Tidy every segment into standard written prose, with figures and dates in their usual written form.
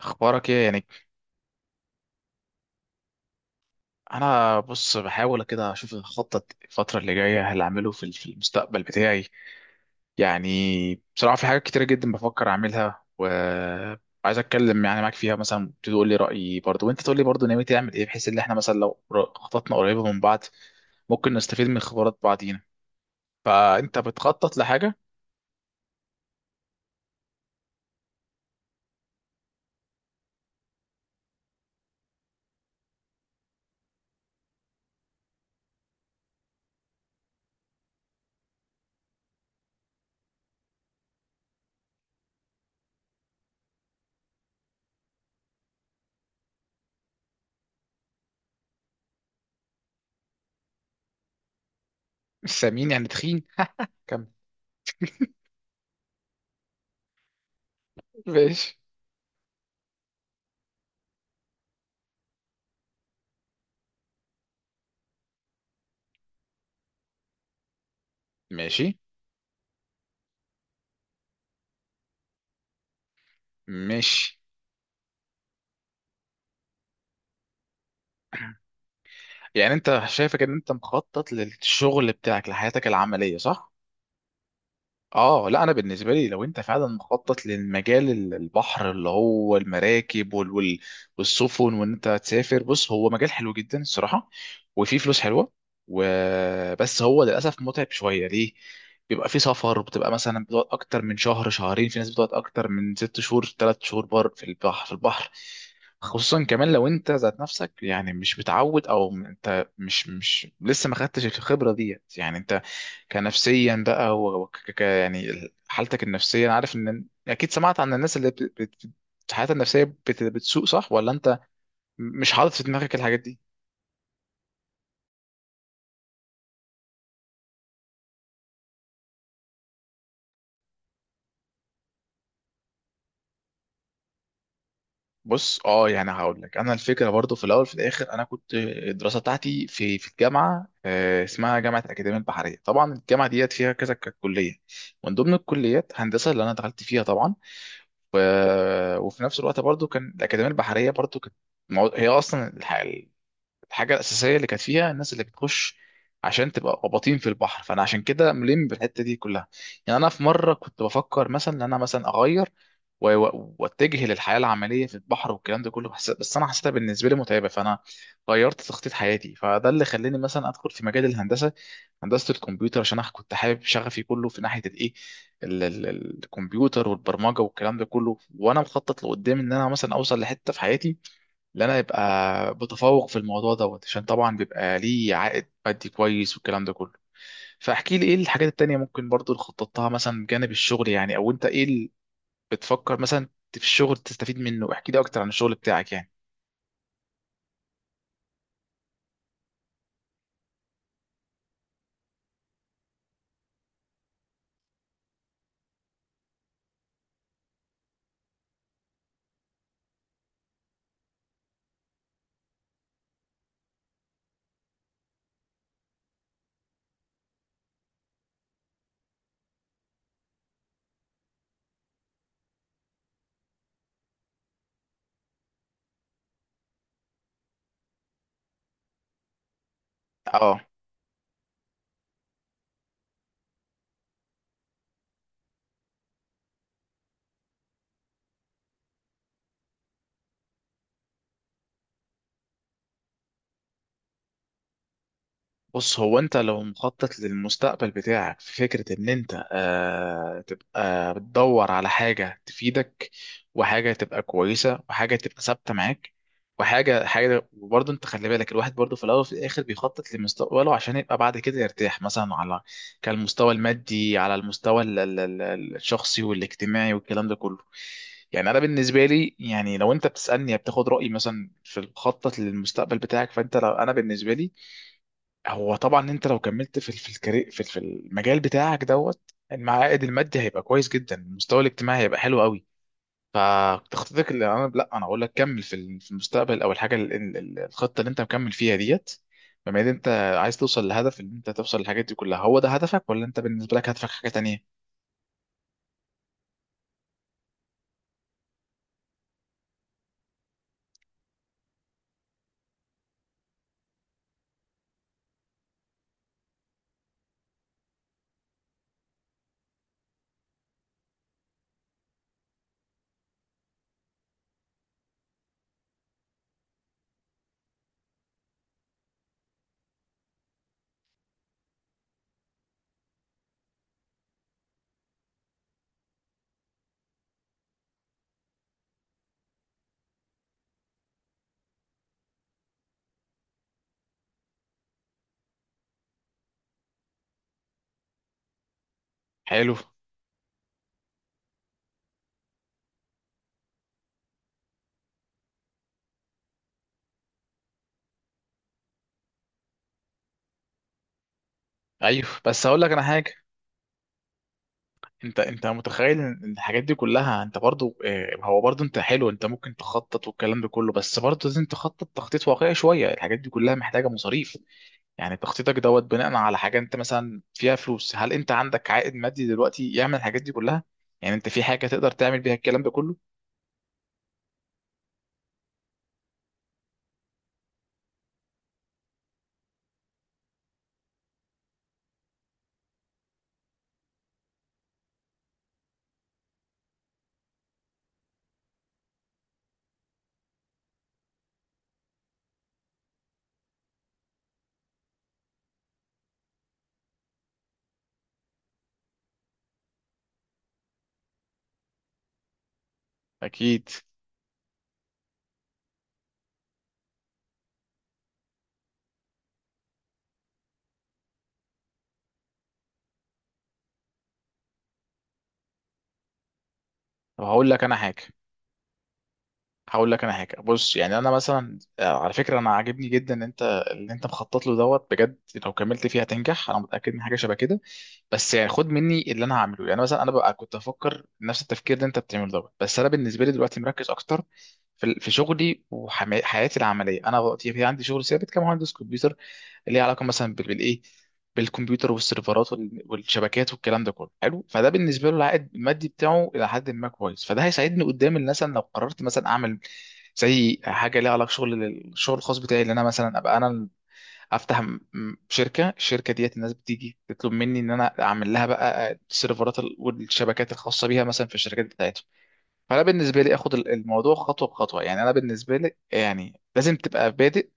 اخبارك ايه يعني؟ انا بص بحاول كده اشوف اخطط الفتره اللي جايه هل اعمله في المستقبل بتاعي. يعني بصراحه في حاجات كتيره جدا بفكر اعملها، وعايز اتكلم يعني معاك فيها، مثلا تقول لي رايي برضو، وانت تقول لي برضو ناوي تعمل ايه، بحيث ان احنا مثلا لو خططنا قريبه من بعض ممكن نستفيد من خبرات بعضينا. فانت بتخطط لحاجه؟ مش سمين يعني تخين. كم؟ ماشي ماشي ماشي. يعني انت شايفك ان انت مخطط للشغل بتاعك لحياتك العمليه، صح؟ اه، لا انا بالنسبه لي لو انت فعلا مخطط للمجال البحر اللي هو المراكب والسفن وان انت تسافر، بص هو مجال حلو جدا الصراحه، وفيه فلوس حلوه. وبس هو للاسف متعب شويه، ليه؟ بيبقى فيه سفر، بتبقى مثلا بتقعد اكتر من شهر شهرين، في ناس بتقعد اكتر من 6 شهور 3 شهور بر في البحر في البحر. خصوصا كمان لو انت ذات نفسك يعني مش متعود، او انت مش لسه ما خدتش الخبره ديت، يعني انت كنفسيا بقى، هو يعني حالتك النفسية. أنا عارف إن أكيد سمعت عن الناس اللي حياتها النفسية بتسوء، صح؟ ولا أنت مش حاطط في دماغك الحاجات دي؟ بص، يعني هقول لك انا الفكره، برضو في الاول في الاخر انا كنت الدراسه بتاعتي في الجامعه، اسمها جامعه اكاديميه البحريه. طبعا الجامعه ديت فيها كذا كليه، من ضمن الكليات هندسه اللي انا دخلت فيها طبعا. و... وفي نفس الوقت برضو كان الاكاديميه البحريه برضو كانت هي اصلا الحاجه الاساسيه اللي كانت فيها الناس اللي بتخش عشان تبقى قباطين في البحر، فانا عشان كده ملم بالحته دي كلها. يعني انا في مره كنت بفكر مثلا ان انا مثلا اغير واتجه للحياه العمليه في البحر والكلام ده كله، بس انا حسيتها بالنسبه لي متعبه، فانا غيرت تخطيط حياتي، فده اللي خلاني مثلا ادخل في مجال الهندسه، هندسه الكمبيوتر، عشان انا كنت حابب شغفي كله في ناحيه الايه، ال- ال- الكمبيوتر والبرمجه والكلام ده كله. وانا مخطط لقدام ان انا مثلا اوصل لحته في حياتي اللي انا يبقى متفوق في الموضوع دوت، عشان طبعا بيبقى ليه عائد مادي كويس والكلام ده كله. فاحكي لي ايه الحاجات التانية ممكن برضو اللي خططتها، مثلا من جانب الشغل، يعني او انت ايه اللي بتفكر مثلا في الشغل تستفيد منه. احكي لي اكتر عن الشغل بتاعك يعني. اه، بص هو انت لو مخطط للمستقبل بتاعك، في فكرة ان انت تبقى بتدور على حاجة تفيدك، وحاجة تبقى كويسة، وحاجة تبقى ثابتة معاك، وحاجة. وبرضه انت خلي بالك، الواحد برضه في الاول وفي الاخر بيخطط لمستقبله عشان يبقى بعد كده يرتاح، مثلا على كالمستوى المادي، على المستوى الشخصي والاجتماعي والكلام ده كله. يعني انا بالنسبه لي، يعني لو انت بتسالني بتاخد رايي مثلا في الخطه للمستقبل بتاعك، فانت لو انا بالنسبه لي، هو طبعا انت لو كملت في في الكاري- في في المجال بتاعك دوت، المعائد المادي هيبقى كويس جدا، المستوى الاجتماعي هيبقى حلو قوي. فتخطيطك، اللي انا لا انا اقول لك كمل في في المستقبل، او الحاجه الخطه اللي انت مكمل فيها ديت، بما ان انت عايز توصل لهدف ان انت توصل للحاجات دي كلها. هو ده هدفك ولا انت بالنسبه لك هدفك حاجه تانية؟ حلو. ايوه، بس هقول لك انا حاجه. انت متخيل ان الحاجات دي كلها انت برضو، هو برضو انت حلو، انت ممكن تخطط والكلام ده كله، بس برضو لازم تخطط تخطيط واقعي شويه. الحاجات دي كلها محتاجه مصاريف. يعني تخطيطك دوت بناء على حاجه، انت مثلا فيها فلوس؟ هل انت عندك عائد مادي دلوقتي يعمل الحاجات دي كلها؟ يعني انت في حاجه تقدر تعمل بيها الكلام ده كله؟ اكيد. طب هقول لك انا حاجه. بص، يعني انا مثلا على فكره انا عاجبني جدا ان انت اللي انت مخطط له دوت بجد. لو كملت فيه هتنجح، انا متاكد من حاجه شبه كده. بس يعني خد مني اللي انا هعمله. يعني مثلا انا ببقى كنت افكر نفس التفكير اللي انت بتعمله دوت، بس انا بالنسبه لي دلوقتي مركز اكتر في شغلي وحياتي العمليه. انا دلوقتي في عندي شغل ثابت كمهندس كمبيوتر، اللي هي علاقه مثلا بالايه، بالكمبيوتر والسيرفرات والشبكات والكلام ده كله، حلو. فده بالنسبه له العائد المادي بتاعه الى حد ما كويس، فده هيساعدني قدام الناس. أنا لو قررت مثلا اعمل زي حاجه ليها علاقه الشغل الخاص بتاعي، اللي انا مثلا ابقى انا افتح الشركه ديت، الناس بتيجي تطلب مني ان انا اعمل لها بقى السيرفرات والشبكات الخاصه بيها مثلا في الشركات بتاعتهم. فانا بالنسبه لي اخد الموضوع خطوه بخطوه. يعني انا بالنسبه لي يعني لازم تبقى بادئ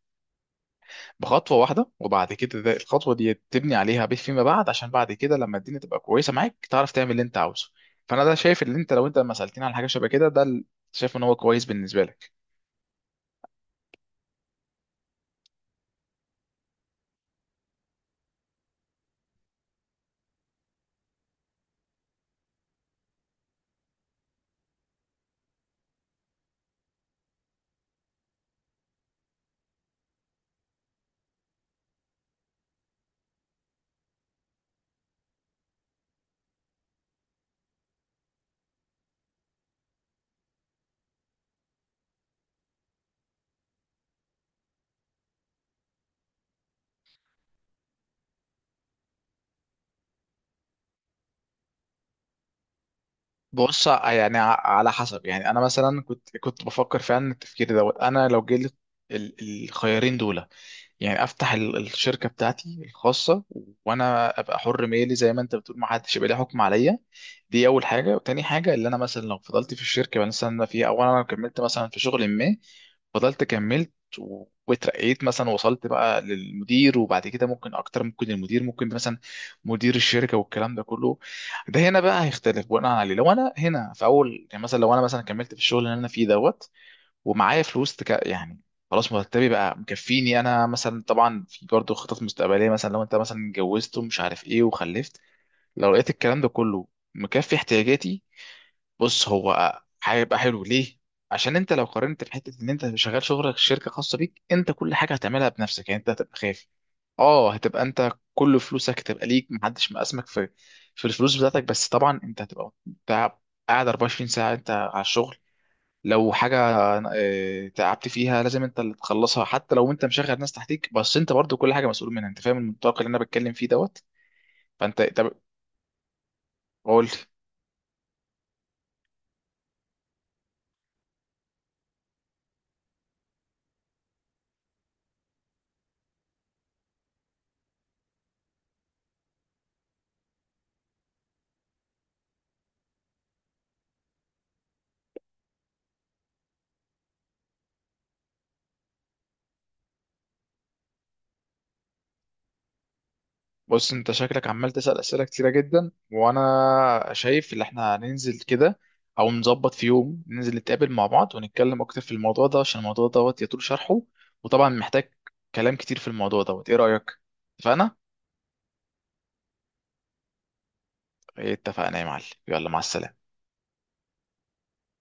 بخطوه واحده، وبعد كده ده الخطوه دي تبني عليها بيت فيما بعد، عشان بعد كده لما الدنيا تبقى كويسه معاك تعرف تعمل اللي انت عاوزه. فانا ده شايف ان انت لو انت لما سالتني على حاجه شبه كده، ده شايف ان هو كويس بالنسبه لك. بص، يعني على حسب. يعني انا مثلا كنت بفكر فعلا التفكير دوت. انا لو جالي ال- الخيارين دول، يعني افتح الشركه بتاعتي الخاصه، وانا ابقى حر مالي زي ما انت بتقول، ما حدش يبقى ليه حكم عليا، دي اول حاجه. وتاني حاجه اللي انا مثلا لو فضلت في الشركه مثلا انا فيها، او انا كملت مثلا في شغل ما، فضلت كملت واترقيت مثلا، وصلت بقى للمدير، وبعد كده ممكن اكتر، ممكن المدير، ممكن مثلا مدير الشركه والكلام ده كله. ده هنا بقى هيختلف بناء عليه. لو انا هنا في اول، يعني مثلا لو انا مثلا كملت في الشغل اللي انا فيه دوت، ومعايا فلوس يعني، خلاص مرتبي بقى مكفيني انا مثلا، طبعا في برضه خطط مستقبليه مثلا لو انت مثلا اتجوزت ومش عارف ايه وخلفت، لو لقيت الكلام ده كله مكفي احتياجاتي. بص هو هيبقى حلو ليه؟ عشان انت لو قارنت في حته ان انت شغال شغلك في شركه خاصه بيك انت، كل حاجه هتعملها بنفسك، يعني انت هتبقى خايف. اه، هتبقى انت كل فلوسك هتبقى ليك، محدش مقاسمك في الفلوس بتاعتك، بس طبعا انت هتبقى أنت قاعد 24 ساعه انت على الشغل. لو حاجة تعبت فيها لازم انت اللي تخلصها حتى لو انت مشغل ناس تحتيك، بس انت برضو كل حاجة مسؤول منها انت، فاهم المنطلق اللي انا بتكلم فيه دوت؟ فانت طب. قول لي. بص انت شكلك عمال تسأل أسئلة كتيرة جدا، وانا شايف ان احنا هننزل كده، او نظبط في يوم ننزل نتقابل مع بعض ونتكلم اكتر في الموضوع ده، عشان الموضوع دوت يطول شرحه، وطبعا محتاج كلام كتير في الموضوع دوت. ايه رأيك؟ اتفقنا؟ اتفقنا يا معلم، يلا مع السلامة.